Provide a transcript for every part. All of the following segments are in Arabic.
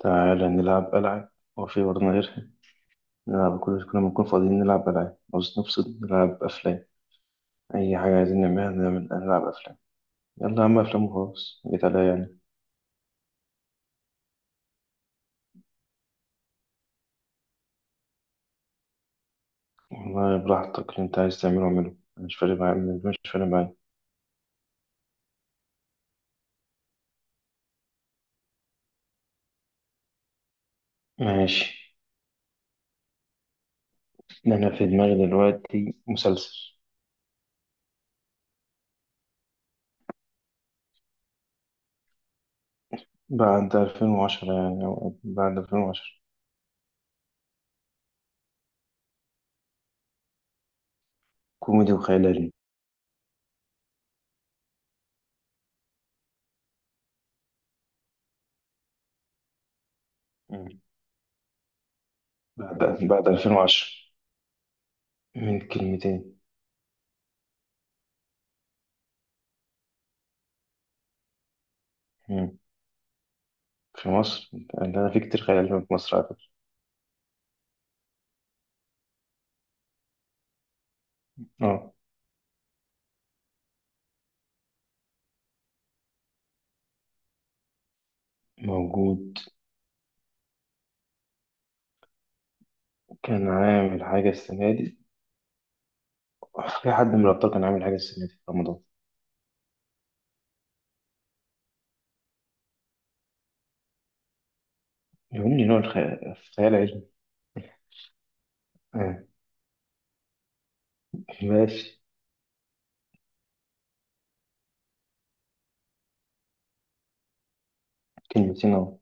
تعالى نلعب ألعاب. هو في برضه غيرها؟ نلعب كل ما نكون فاضيين نلعب ألعاب. عاوز نفصل، نلعب أفلام. أي حاجة عايزين نعملها، نلعب أفلام. يلا يا عم، أفلام وخلاص، جيت عليا يعني. والله براحتك، اللي أنت عايز تعمله اعمله، أنا مش فارق معايا، مش فارق معايا. ماشي. أنا في دماغي دلوقتي مسلسل بعد 2010 يعني، أو بعد 2010. كوميدي وخيال علمي. مم. بعد بعد 2010. من كلمتين. مم. في مصر. لأن أنا في كتير خيال علمي في مصر على فكرة. اه. موجود. كان عامل حاجة السنة دي. في حد من الأبطال كان عامل حاجة السنة دي في رمضان؟ يهمني نوع الخيال العلمي. آه. ماشي. كلمتين أهو.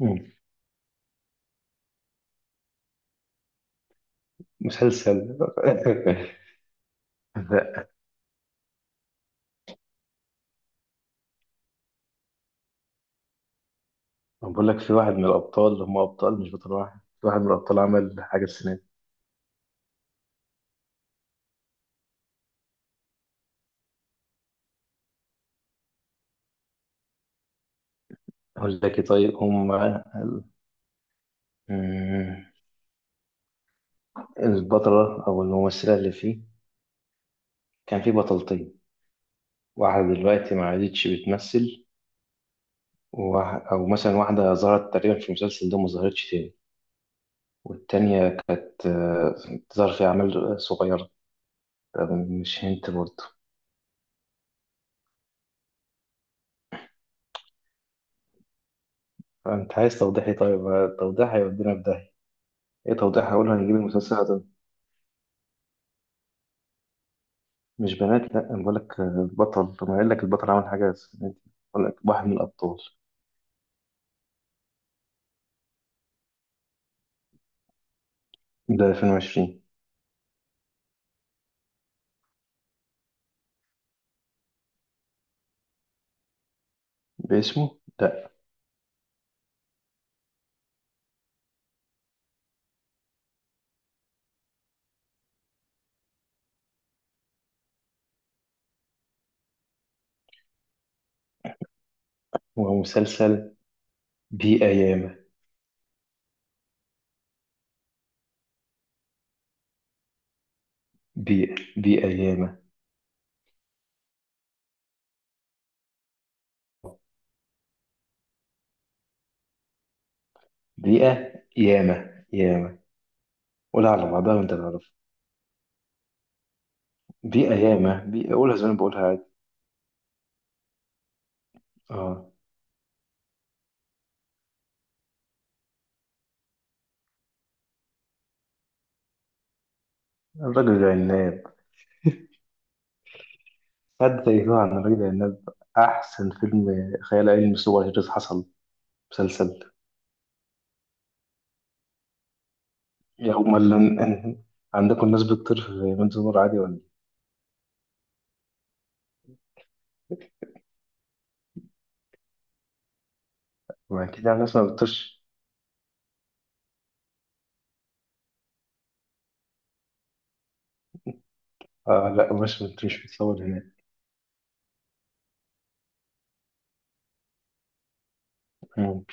مم. مسلسل لا. أنا بقول لك في واحد من الأبطال، هم أبطال مش بطل واحد، في واحد من الأبطال عمل حاجة السنة دي. أقول لك إيه؟ طيب هم مم. البطلة أو الممثلة اللي فيه. كان فيه بطلتين. واحدة دلوقتي ما عادتش بتمثل، أو مثلا واحدة ظهرت تقريبا في المسلسل ده وما ظهرتش تاني. والتانية كانت بتظهر في أعمال صغيرة. طب مش هنت برضه؟ أنت عايز توضيحي؟ طيب توضيح هيودينا في داهية. إيه توضيح؟ هقوله هنجيب المسلسل ده. مش بنات، لأ. أنا بقولك بطل. طب ما قايل لك البطل عمل حاجة، بس بقولك واحد من الأبطال. ده 2020. باسمه؟ لأ. هو مسلسل بيئة ياما بيئة. بيئة ياما. بيئة ياما ياما. قولها على بعضها وأنت تعرف. بيئة ياما بيئة، قولها زي ما أنا بقولها عادي. آه. الراجل العناد. قد تأيتوه عن الرجل العناب. أحسن فيلم خيال علمي سوبر هيروز حصل. مسلسل. يا أمال. إن- عندكم ناس بتطير في بنت نور عادي ولا إيه؟ ما أكيد يعني ناس ما بتطيرش. آه لا، مش بتصور هناك. مم.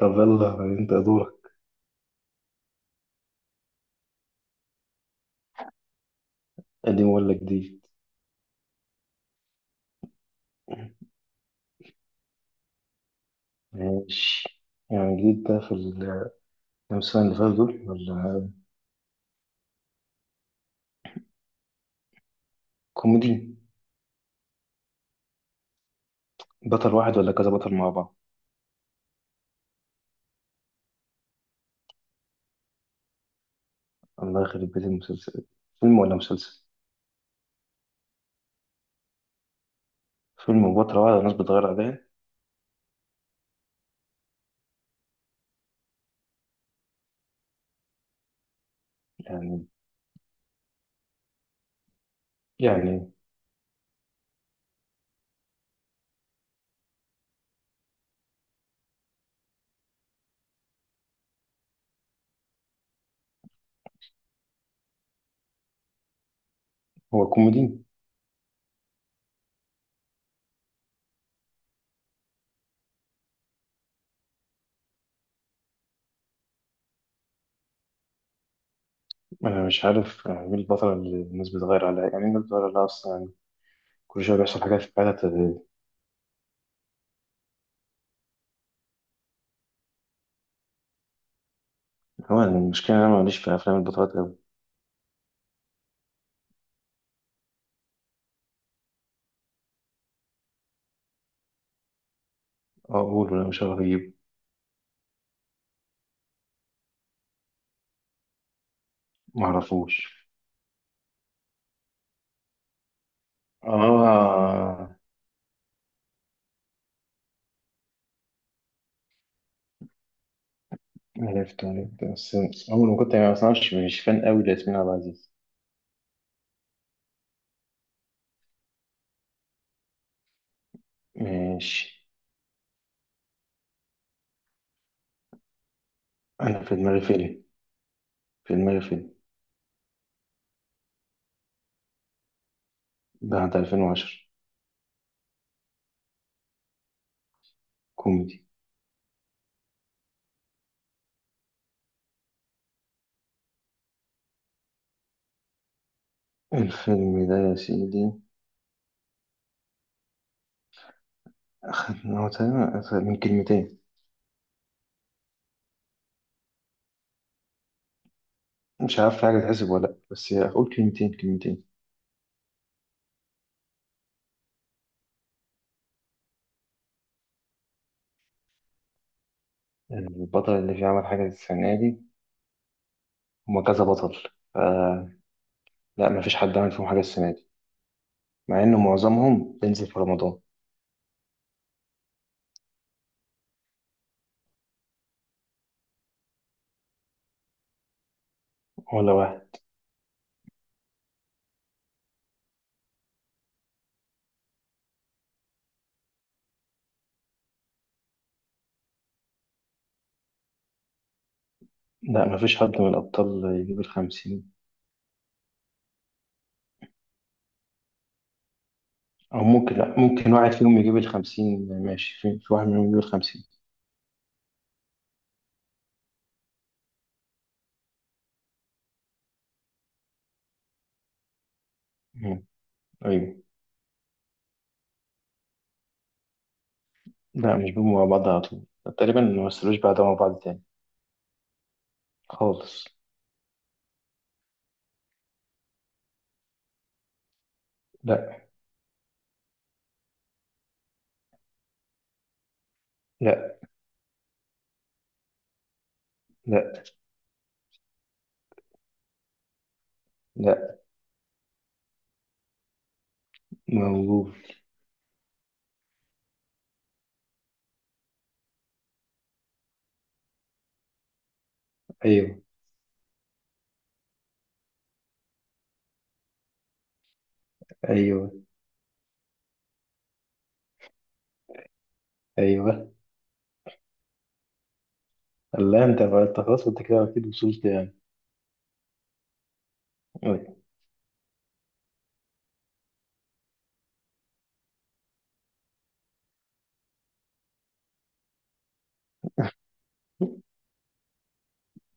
طب يلا أنت دورك. قديم ولا جديد؟ ماشي. يعني جديد ده في كام سنة اللي فاتوا دول، ولا؟ كوميدي. بطل واحد ولا كذا بطل مع بعض؟ الله يخرب بيت المسلسل. فيلم ولا مسلسل؟ فيلم بطل واحد والناس بتغير عليه يعني يعني هو كوميدي؟ أنا مش عارف يعني إيه الفترة اللي الناس بتغير عليها، يعني إيه الناس بتغير عليها أصلا يعني؟ كل شوية بيحصل حاجات في حياتها تغير. هو أنا المشكلة إن أنا ماليش في أفلام البطولات أوي. أقول ولا مش هعرف أجيب؟ معرفوش. آه. عرفت عرفت، بس أول ما كنت يعني أصلا مش فان أوي لياسمين عبد العزيز. ماشي. أنا في دماغي فيلم. في دماغي فيلم. بعد 2010. كوميدي. الفيلم ده يا سيدي هو تقريبا من كلمتين. مش عارف في حاجة تحسب ولا لأ، بس أقول كلمتين، كلمتين. البطل اللي فيه عمل حاجة السنة دي. هما كذا بطل. ف... لا، مفيش حد عمل فيهم حاجة السنة دي، مع إنه معظمهم بينزل في رمضان. ولا واحد. لا، مفيش حد من الأبطال يجيب الخمسين. أو ممكن، لا، ممكن واحد فيهم يجيب الخمسين، ماشي، في واحد منهم يجيب الخمسين. مم. أيوة. لا، مش بيبقوا مع بعض على طول، تقريبا ما مثلوش بعض مع بعض تاني خالص. لا. لا. لا. لا. موجود. أيوة. أيوة. أيوة. الله، أنت بقى، أنت خلاص، أنت كده أكيد وصلت يعني. أيوة.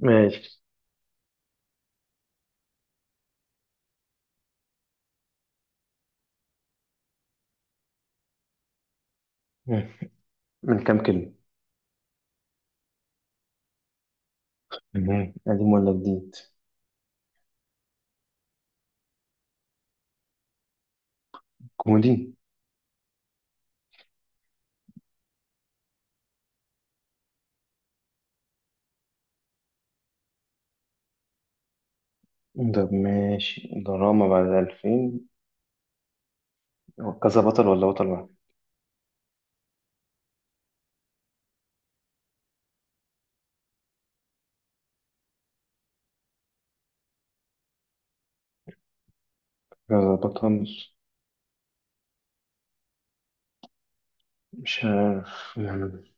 ماشي. مم. من كام كلمة؟ مم. قديم ولا جديد؟ كوميدي. طب ماشي، دراما بعد 2000. هو كذا بطل ولا بطل واحد؟ كذا بطل. مش عارف يعني،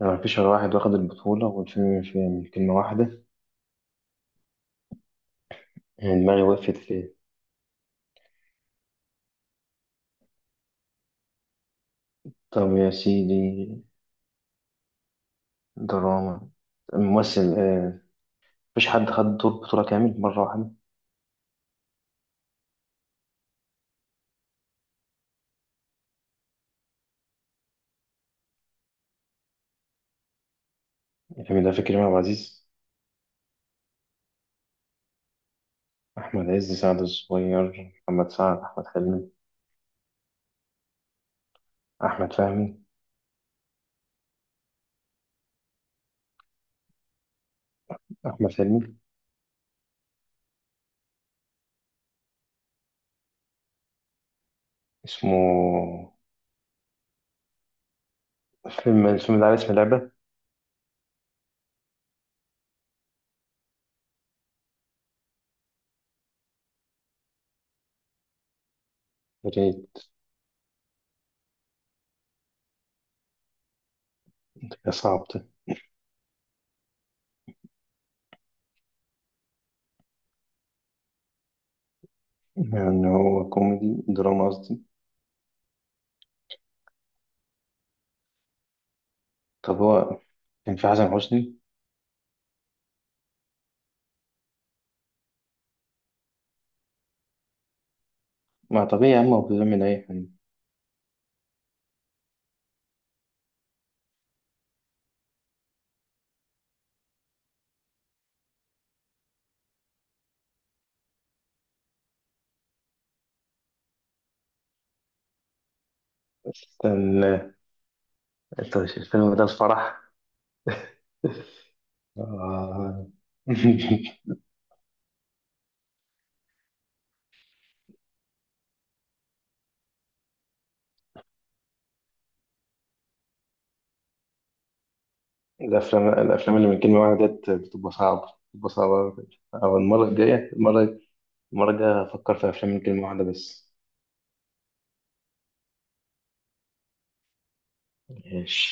ما فيش غير واحد واخد البطولة، والفيلم فيه كلمة واحدة يعني. دماغي وقفت فيه. طب يا سيدي، دراما، ممثل، مفيش حد خد دور بطولة كامل مرة واحدة. الفيلم ده فيه كريم عبد العزيز، أحمد عز، سعد الصغير، محمد سعد، أحمد حلمي، أحمد فهمي، أحمد حلمي. اسمه. فيلم الفيلم ده على اسم لعبة. ريت. يا صعب ده. يعني هو كوميدي، دراما قصدي. طب هو كان في حسن حسني؟ ما طبيعي يا عم، هو بيعمل أي حاجة. استنى. أنت مش الفيلم ده الفرح؟ آه. الأفلام اللي من كلمة واحدة ديت بتبقى صعبة، بتبقى صعبة أوي. أو المرة الجاية المرة الجاية هفكر في أفلام من كلمة واحدة بس. ماشي